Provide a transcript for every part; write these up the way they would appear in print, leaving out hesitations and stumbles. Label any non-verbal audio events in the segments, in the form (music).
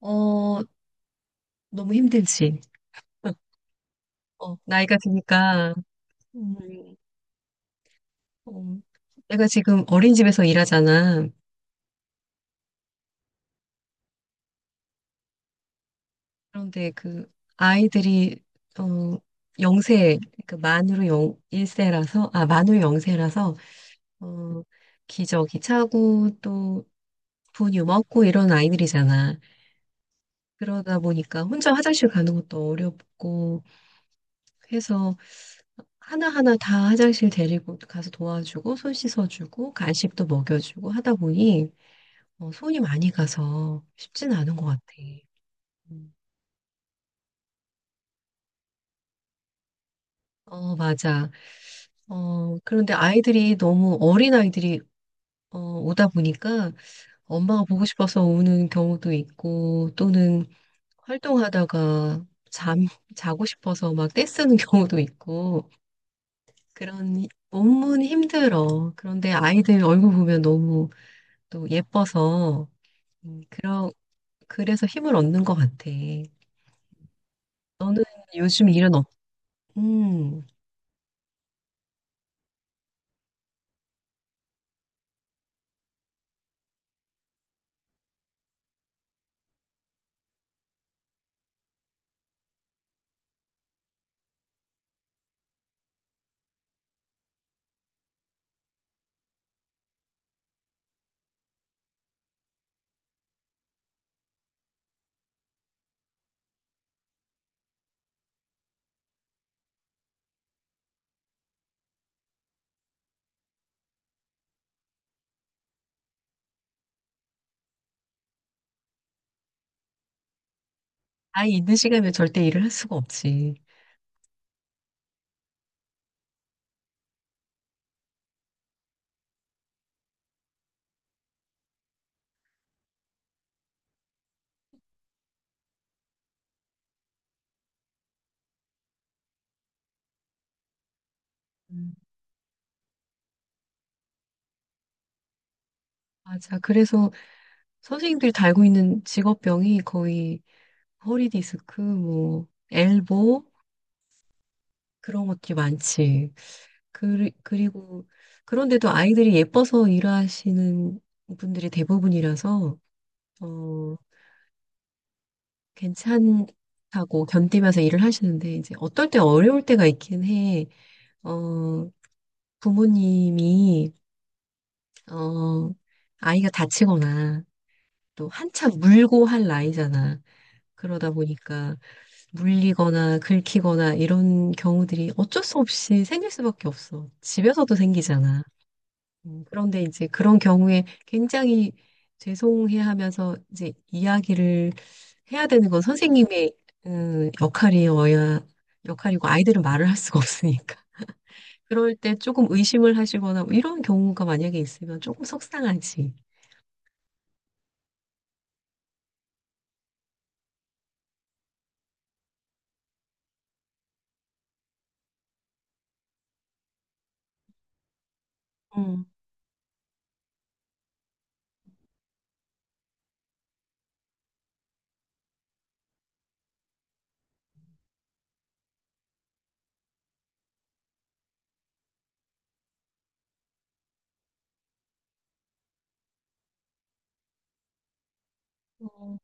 어, 너무 힘들지. 어, 나이가 드니까, 음, 어, 내가 지금 어린이집에서 일하잖아. 그런데 그 아이들이, 어, 영세, 그 만으로 영, 일세라서, 아, 만으로 영세라서, 어, 기저귀 차고 또 분유 먹고 이런 아이들이잖아. 그러다 보니까 혼자 화장실 가는 것도 어렵고 해서 하나하나 다 화장실 데리고 가서 도와주고 손 씻어주고 간식도 먹여주고 하다 보니 손이 많이 가서 쉽진 않은 것 같아. 음. 어, 맞아. 그런데 아이들이 너무 어린 아이들이 오다 보니까 엄마가 보고 싶어서 우는 경우도 있고 또는 활동하다가 잠, 자고 싶어서 막 떼쓰는 (laughs) 경우도 있고 그런 몸은 힘들어. 그런데 아이들 얼굴 보면 너무 또 예뻐서 음, 그러, 그래서 힘을 얻는 것 같아. 너는 요즘 일은 없, 음, 아이 있는 시간에 절대 일을 할 수가 없지. 음. 맞아. 그래서 선생님들이 달고 있는 직업병이 거의 허리 디스크, 뭐, 엘보, 그런 것들이 많지. 그리고, 그런데도 아이들이 예뻐서 일하시는 분들이 대부분이라서, 어, 괜찮다고 견디면서 일을 하시는데, 이제 어떨 때 어려울 때가 있긴 해. 어, 부모님이, 어, 아이가 다치거나 또 한참 물고 할 나이잖아. 그러다 보니까 물리거나 긁히거나 이런 경우들이 어쩔 수 없이 생길 수밖에 없어. 집에서도 생기잖아. 그런데 이제 그런 경우에 굉장히 죄송해 하면서 이제 이야기를 해야 되는 건 선생님의 음, 역할이어야, 역할이고 아이들은 말을 할 수가 없으니까. 그럴 때 조금 의심을 하시거나 뭐 이런 경우가 만약에 있으면 조금 속상하지. 음, 어.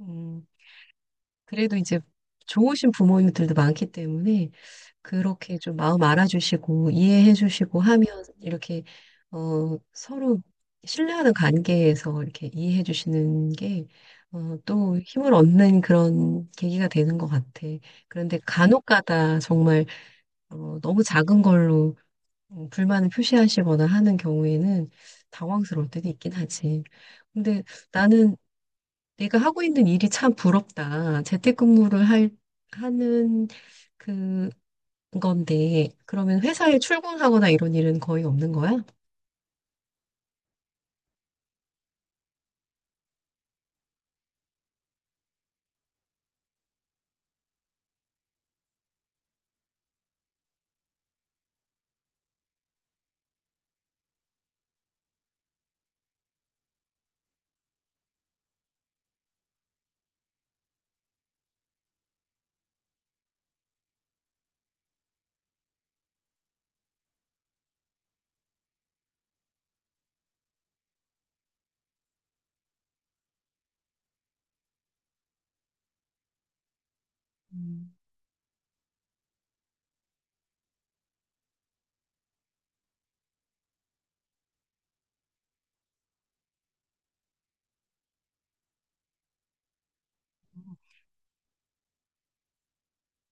음, 그래도 이제 좋으신 부모님들도 많기 때문에 그렇게 좀 마음 알아주시고 이해해주시고 하면 이렇게 서로 신뢰하는 관계에서 이렇게 이해해주시는 게 또 힘을 얻는 그런 계기가 되는 것 같아. 그런데 간혹 가다 정말 너무 작은 걸로 불만을 표시하시거나 하는 경우에는 당황스러울 때도 있긴 하지. 근데 나는 내가 하고 있는 일이 참 부럽다. 재택근무를 하는 그 건데, 그러면 회사에 출근하거나 이런 일은 거의 없는 거야?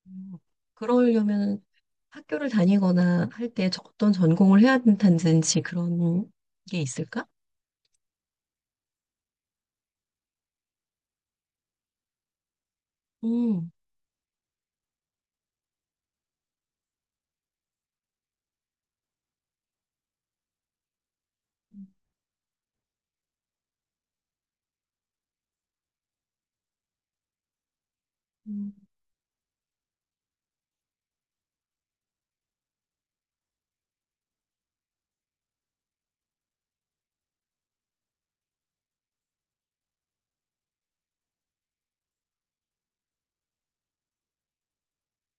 음, 그러려면 학교를 다니거나 할 때 어떤 전공을 해야 된다든지 그런 게 있을까? 음.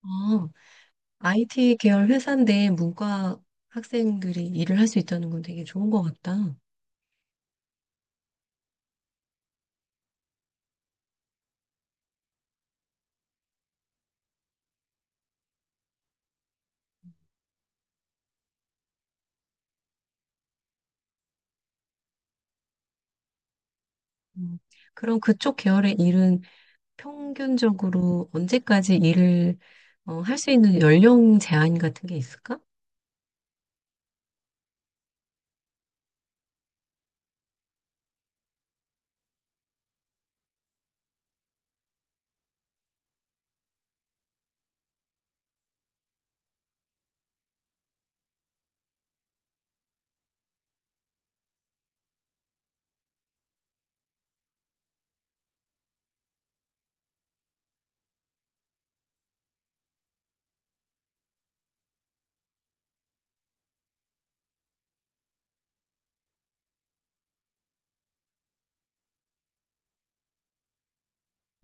음. IT 계열 회사인데 문과 학생들이 일을 할 수 있다는 건 되게 좋은 것 같다. 음, 그럼 그쪽 계열의 일은 평균적으로 언제까지 일을 할수 있는 연령 제한 같은 게 있을까?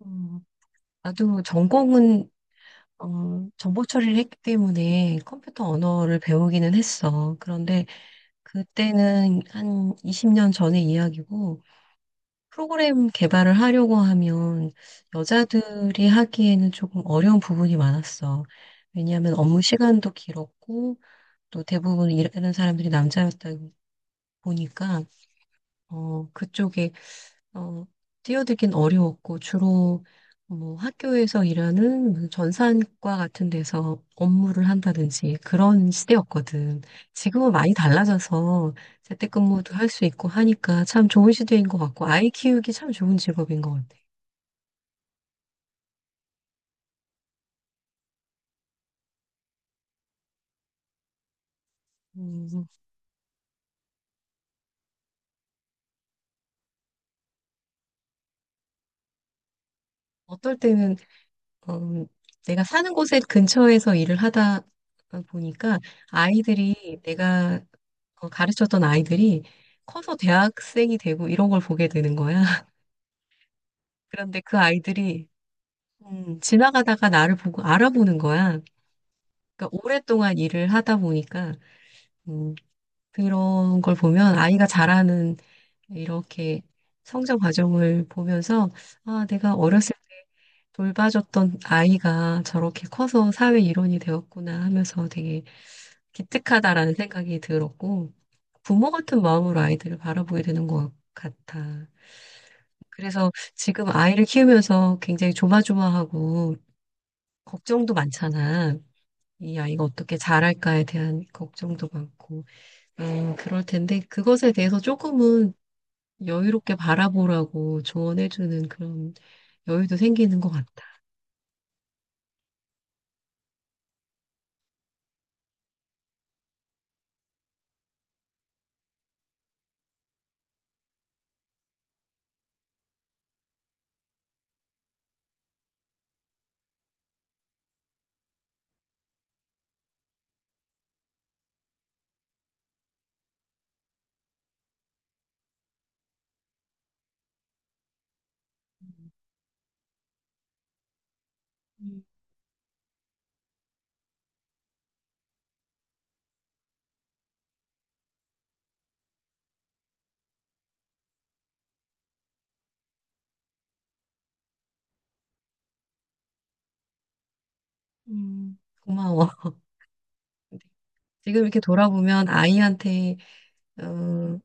어, 나도 전공은 정보 처리를 했기 때문에 컴퓨터 언어를 배우기는 했어. 그런데 그때는 한 20년 전의 이야기고 프로그램 개발을 하려고 하면 여자들이 하기에는 조금 어려운 부분이 많았어. 왜냐하면 업무 시간도 길었고 또 대부분 일하는 사람들이 남자였다 보니까 그쪽에 어, 뛰어들긴 어려웠고 주로 뭐 학교에서 일하는 무슨 전산과 같은 데서 업무를 한다든지 그런 시대였거든. 지금은 많이 달라져서 재택근무도 할 수 있고 하니까 참 좋은 시대인 것 같고 아이 키우기 참 좋은 직업인 것 같아. 음, 어떨 때는 음, 내가 사는 곳에 근처에서 일을 하다 보니까 아이들이 내가 가르쳤던 아이들이 커서 대학생이 되고 이런 걸 보게 되는 거야. (laughs) 그런데 그 아이들이 지나가다가 나를 보고 알아보는 거야. 그러니까 오랫동안 일을 하다 보니까 음, 그런 걸 보면 아이가 자라는 이렇게 성장 과정을 보면서, 아, 내가 어렸을 때 돌봐줬던 아이가 저렇게 커서 사회 일원이 되었구나 하면서 되게 기특하다라는 생각이 들었고, 부모 같은 마음으로 아이들을 바라보게 되는 것 같아. 그래서 지금 아이를 키우면서 굉장히 조마조마하고, 걱정도 많잖아. 이 아이가 어떻게 자랄까에 대한 걱정도 많고, 그럴 텐데, 그것에 대해서 조금은 여유롭게 바라보라고 조언해주는 그런 여유도 생기는 것 같다. 음, 고마워. (laughs) 지금 이렇게 돌아보면 아이한테, 어,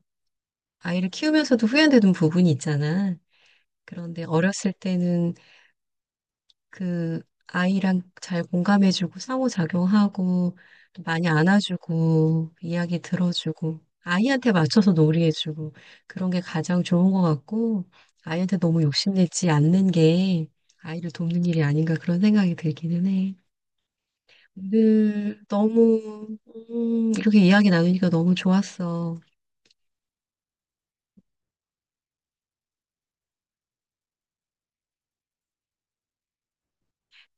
아이를 키우면서도 후회되는 부분이 있잖아. 그런데 어렸을 때는 그 아이랑 잘 공감해주고 상호작용하고 또 많이 안아주고 이야기 들어주고 아이한테 맞춰서 놀이해주고 그런 게 가장 좋은 것 같고 아이한테 너무 욕심내지 않는 게 아이를 돕는 일이 아닌가 그런 생각이 들기는 해. 오늘 너무 이렇게 이야기 나누니까 너무 좋았어.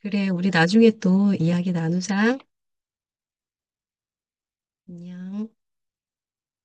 그래, 우리 나중에 또 이야기 나누자. 안녕.